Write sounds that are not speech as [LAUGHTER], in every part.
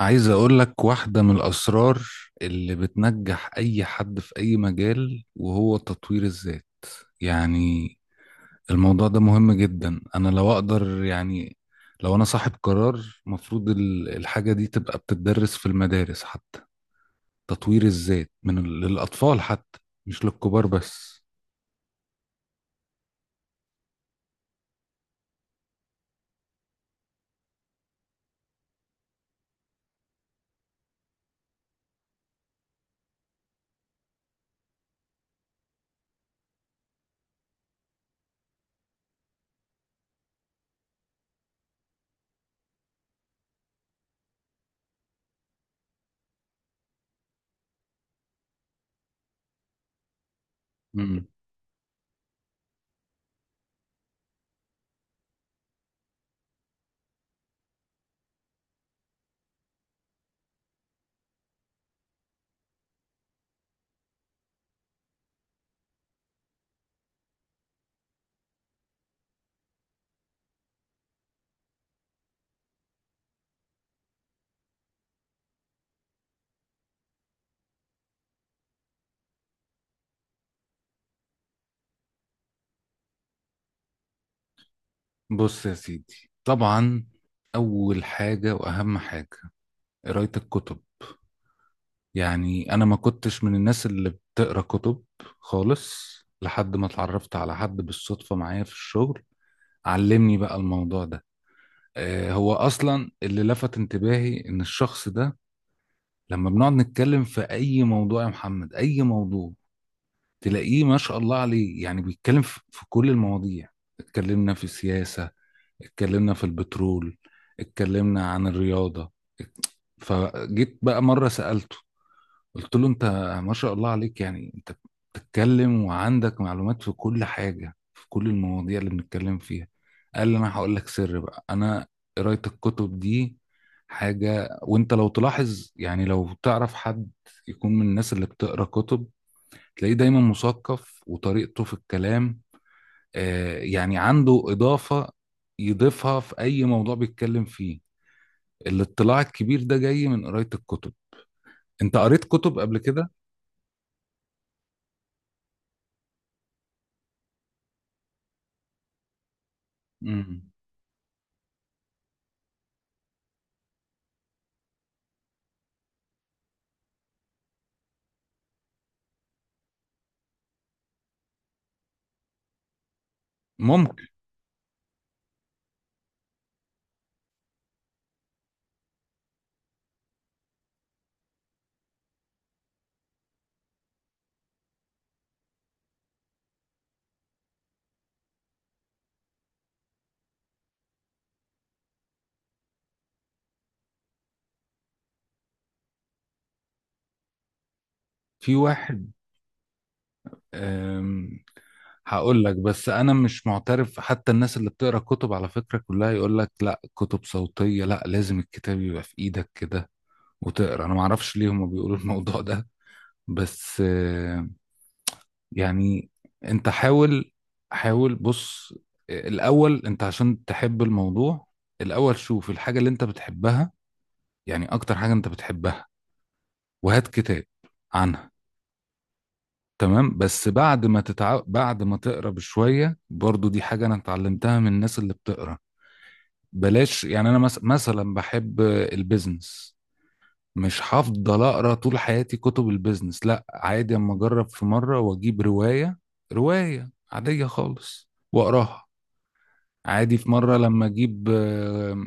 عايز اقول لك واحدة من الاسرار اللي بتنجح اي حد في اي مجال وهو تطوير الذات. يعني الموضوع ده مهم جدا، انا لو اقدر يعني لو انا صاحب قرار، مفروض الحاجة دي تبقى بتدرس في المدارس حتى. تطوير الذات من للاطفال حتى، مش للكبار بس. مم. بص يا سيدي، طبعا اول حاجة واهم حاجة قراية الكتب. يعني انا ما كنتش من الناس اللي بتقرا كتب خالص، لحد ما اتعرفت على حد بالصدفة معايا في الشغل، علمني بقى الموضوع ده. هو اصلا اللي لفت انتباهي ان الشخص ده لما بنقعد نتكلم في اي موضوع يا محمد، اي موضوع، تلاقيه ما شاء الله عليه، يعني بيتكلم في كل المواضيع. اتكلمنا في السياسة، اتكلمنا في البترول، اتكلمنا عن الرياضة. فجيت بقى مرة سألته، قلت له انت ما شاء الله عليك، يعني انت بتتكلم وعندك معلومات في كل حاجة، في كل المواضيع اللي بنتكلم فيها. قال لي انا هقول لك سر بقى، انا قراية الكتب دي حاجة. وانت لو تلاحظ، يعني لو تعرف حد يكون من الناس اللي بتقرا كتب، تلاقيه دايما مثقف، وطريقته في الكلام آه يعني عنده إضافة يضيفها في أي موضوع بيتكلم فيه. الاطلاع الكبير ده جاي من قراية الكتب. انت قريت كتب قبل كده؟ مم. ممكن. في واحد أم، هقول لك، بس انا مش معترف. حتى الناس اللي بتقرا كتب على فكره كلها يقول لك لا، كتب صوتيه لا، لازم الكتاب يبقى في ايدك كده وتقرا. انا ما اعرفش ليه هم بيقولوا الموضوع ده، بس يعني انت حاول. حاول بص، الاول انت عشان تحب الموضوع الاول، شوف الحاجه اللي انت بتحبها. يعني اكتر حاجه انت بتحبها، وهات كتاب عنها. تمام؟ بس بعد ما بعد ما تقرا بشويه، برضو دي حاجه انا اتعلمتها من الناس اللي بتقرا، بلاش يعني انا مثلا بحب البيزنس، مش هفضل اقرا طول حياتي كتب البيزنس، لا، عادي اما اجرب في مره واجيب روايه. روايه عاديه خالص واقراها، عادي. في مره لما اجيب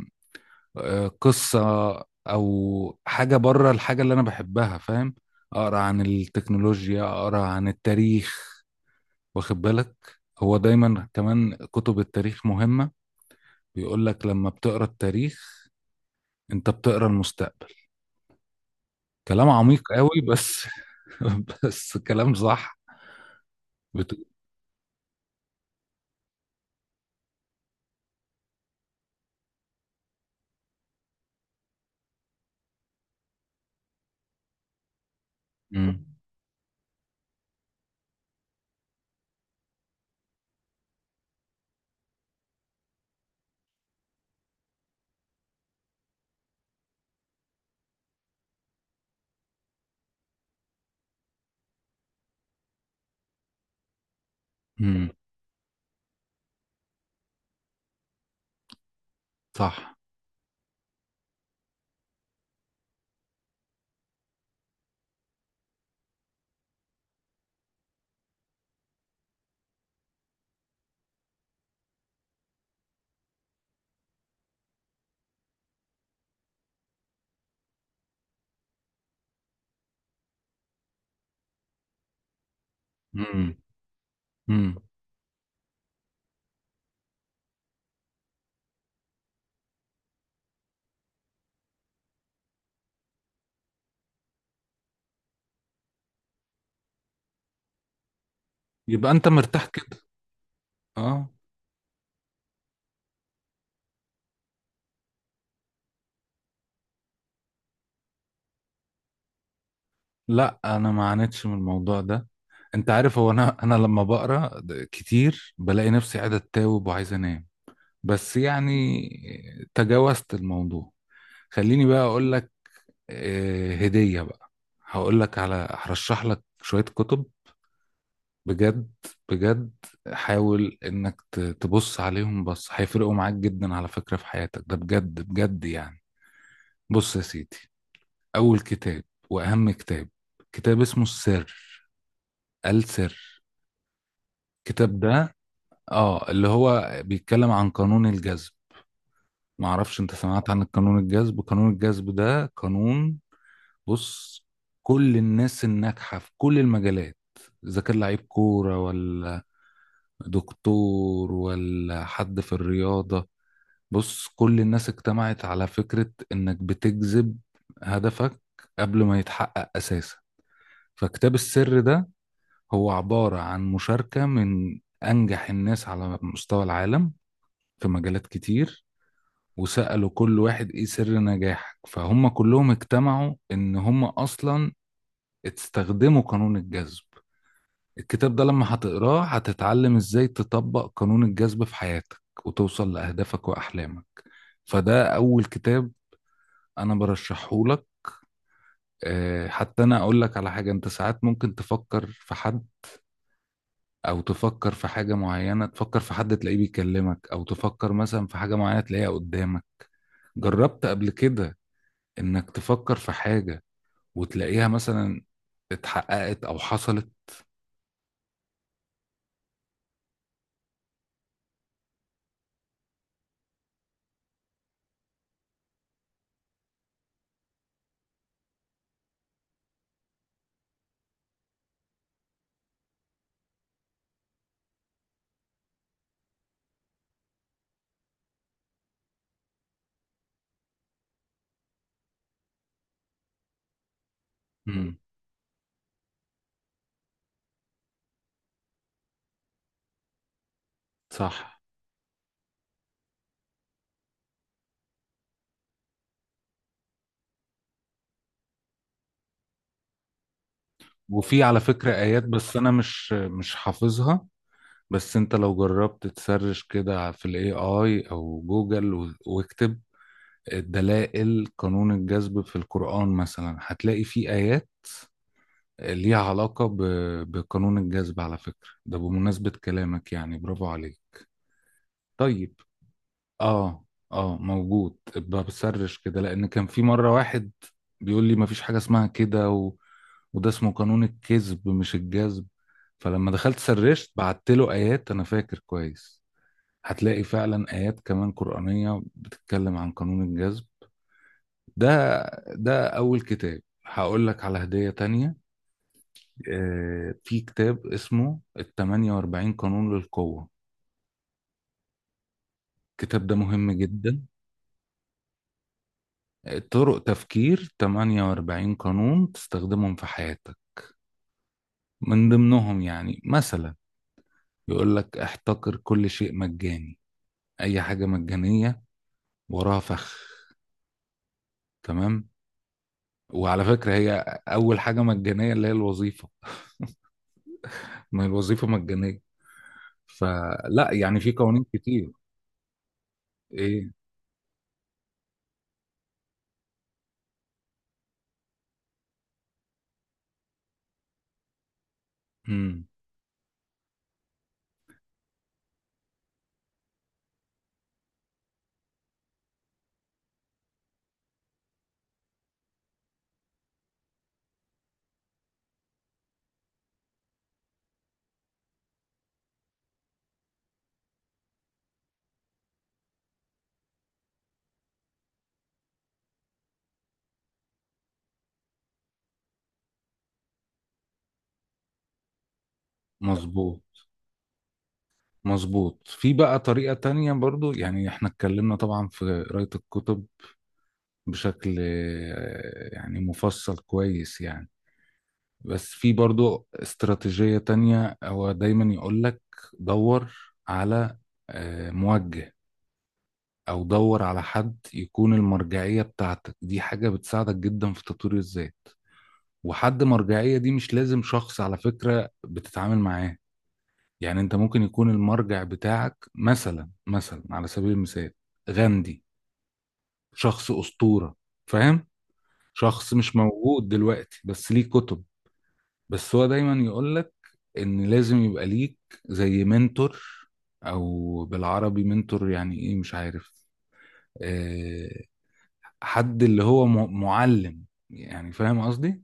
قصه او حاجه بره الحاجه اللي انا بحبها، فاهم؟ اقرا عن التكنولوجيا، اقرا عن التاريخ. واخد بالك؟ هو دايما كمان كتب التاريخ مهمة، بيقول لك لما بتقرا التاريخ انت بتقرا المستقبل. كلام عميق قوي، بس [LAUGHS] بس كلام صح. بت... مم. مم. صح. مم. مم. يبقى انت مرتاح كده؟ اه. لا انا ما عانيتش من الموضوع ده. انت عارف، هو انا لما بقرا كتير بلاقي نفسي قاعد اتاوب وعايز انام، بس يعني تجاوزت الموضوع. خليني بقى اقول لك هدية بقى، هقول لك على، هرشح لك شوية كتب بجد. بجد حاول انك تبص عليهم، بس هيفرقوا معاك جدا على فكرة في حياتك، ده بجد بجد يعني. بص يا سيدي، اول كتاب واهم كتاب كتاب اسمه السر. السر، الكتاب ده اه اللي هو بيتكلم عن قانون الجذب. معرفش انت سمعت عن قانون الجذب؟ قانون الجذب ده قانون، بص، كل الناس الناجحة في كل المجالات، إذا كان لعيب كورة ولا دكتور ولا حد في الرياضة، بص كل الناس اجتمعت على فكرة إنك بتجذب هدفك قبل ما يتحقق أساسا. فكتاب السر ده هو عبارة عن مشاركة من أنجح الناس على مستوى العالم في مجالات كتير، وسألوا كل واحد إيه سر نجاحك، فهم كلهم اجتمعوا إن هم أصلا استخدموا قانون الجذب. الكتاب ده لما هتقراه هتتعلم ازاي تطبق قانون الجذب في حياتك وتوصل لأهدافك وأحلامك. فده أول كتاب أنا برشحه لك. حتى أنا أقول لك على حاجة، أنت ساعات ممكن تفكر في حد أو تفكر في حاجة معينة، تفكر في حد تلاقيه بيكلمك، أو تفكر مثلا في حاجة معينة تلاقيها قدامك. جربت قبل كده إنك تفكر في حاجة وتلاقيها مثلا اتحققت أو حصلت؟ مم. صح. وفي على فكرة آيات، بس أنا مش حافظها. بس أنت لو جربت تسرش كده في الاي اي أو جوجل واكتب دلائل قانون الجذب في القرآن مثلا، هتلاقي في آيات ليها علاقة بقانون الجذب. على فكرة ده بمناسبة كلامك، يعني برافو عليك. طيب. اه. اه موجود، ابقى بسرش كده، لأن كان في مرة واحد بيقول لي مفيش حاجة اسمها كده، وده اسمه قانون الكذب مش الجذب. فلما دخلت سرشت، بعت له آيات، أنا فاكر كويس. هتلاقي فعلا آيات كمان قرآنية بتتكلم عن قانون الجذب ده. ده أول كتاب. هقول لك على هدية تانية. في كتاب اسمه ال 48 قانون للقوة. الكتاب ده مهم جدا. طرق تفكير، 48 قانون تستخدمهم في حياتك. من ضمنهم يعني مثلا يقول لك احتقر كل شيء مجاني، اي حاجة مجانية وراها فخ. تمام؟ وعلى فكرة هي أول حاجة مجانية اللي هي الوظيفة، ما هي الوظيفة مجانية. فلا يعني في قوانين كتير. إيه؟ مم. مظبوط. مظبوط. في بقى طريقة تانية برضو، يعني احنا اتكلمنا طبعا في قراية الكتب بشكل يعني مفصل كويس يعني، بس في برضو استراتيجية تانية. هو دايما يقولك دور على موجه، او دور على حد يكون المرجعية بتاعتك. دي حاجة بتساعدك جدا في تطوير الذات. وحد مرجعية دي مش لازم شخص على فكرة بتتعامل معاه، يعني انت ممكن يكون المرجع بتاعك مثلا على سبيل المثال غاندي، شخص أسطورة، فاهم؟ شخص مش موجود دلوقتي، بس ليه كتب. بس هو دايما يقولك ان لازم يبقى ليك زي منتور، او بالعربي منتور يعني ايه مش عارف، آه، حد اللي هو معلم، يعني فاهم قصدي؟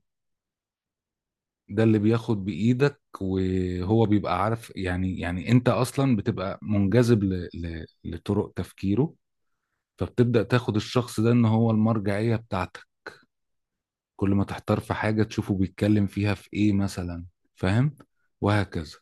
ده اللي بياخد بإيدك، وهو بيبقى عارف، يعني يعني انت اصلا بتبقى منجذب لطرق تفكيره. فبتبدأ تاخد الشخص ده ان هو المرجعية بتاعتك، كل ما تحتار في حاجة تشوفه بيتكلم فيها في ايه مثلا، فاهم؟ وهكذا.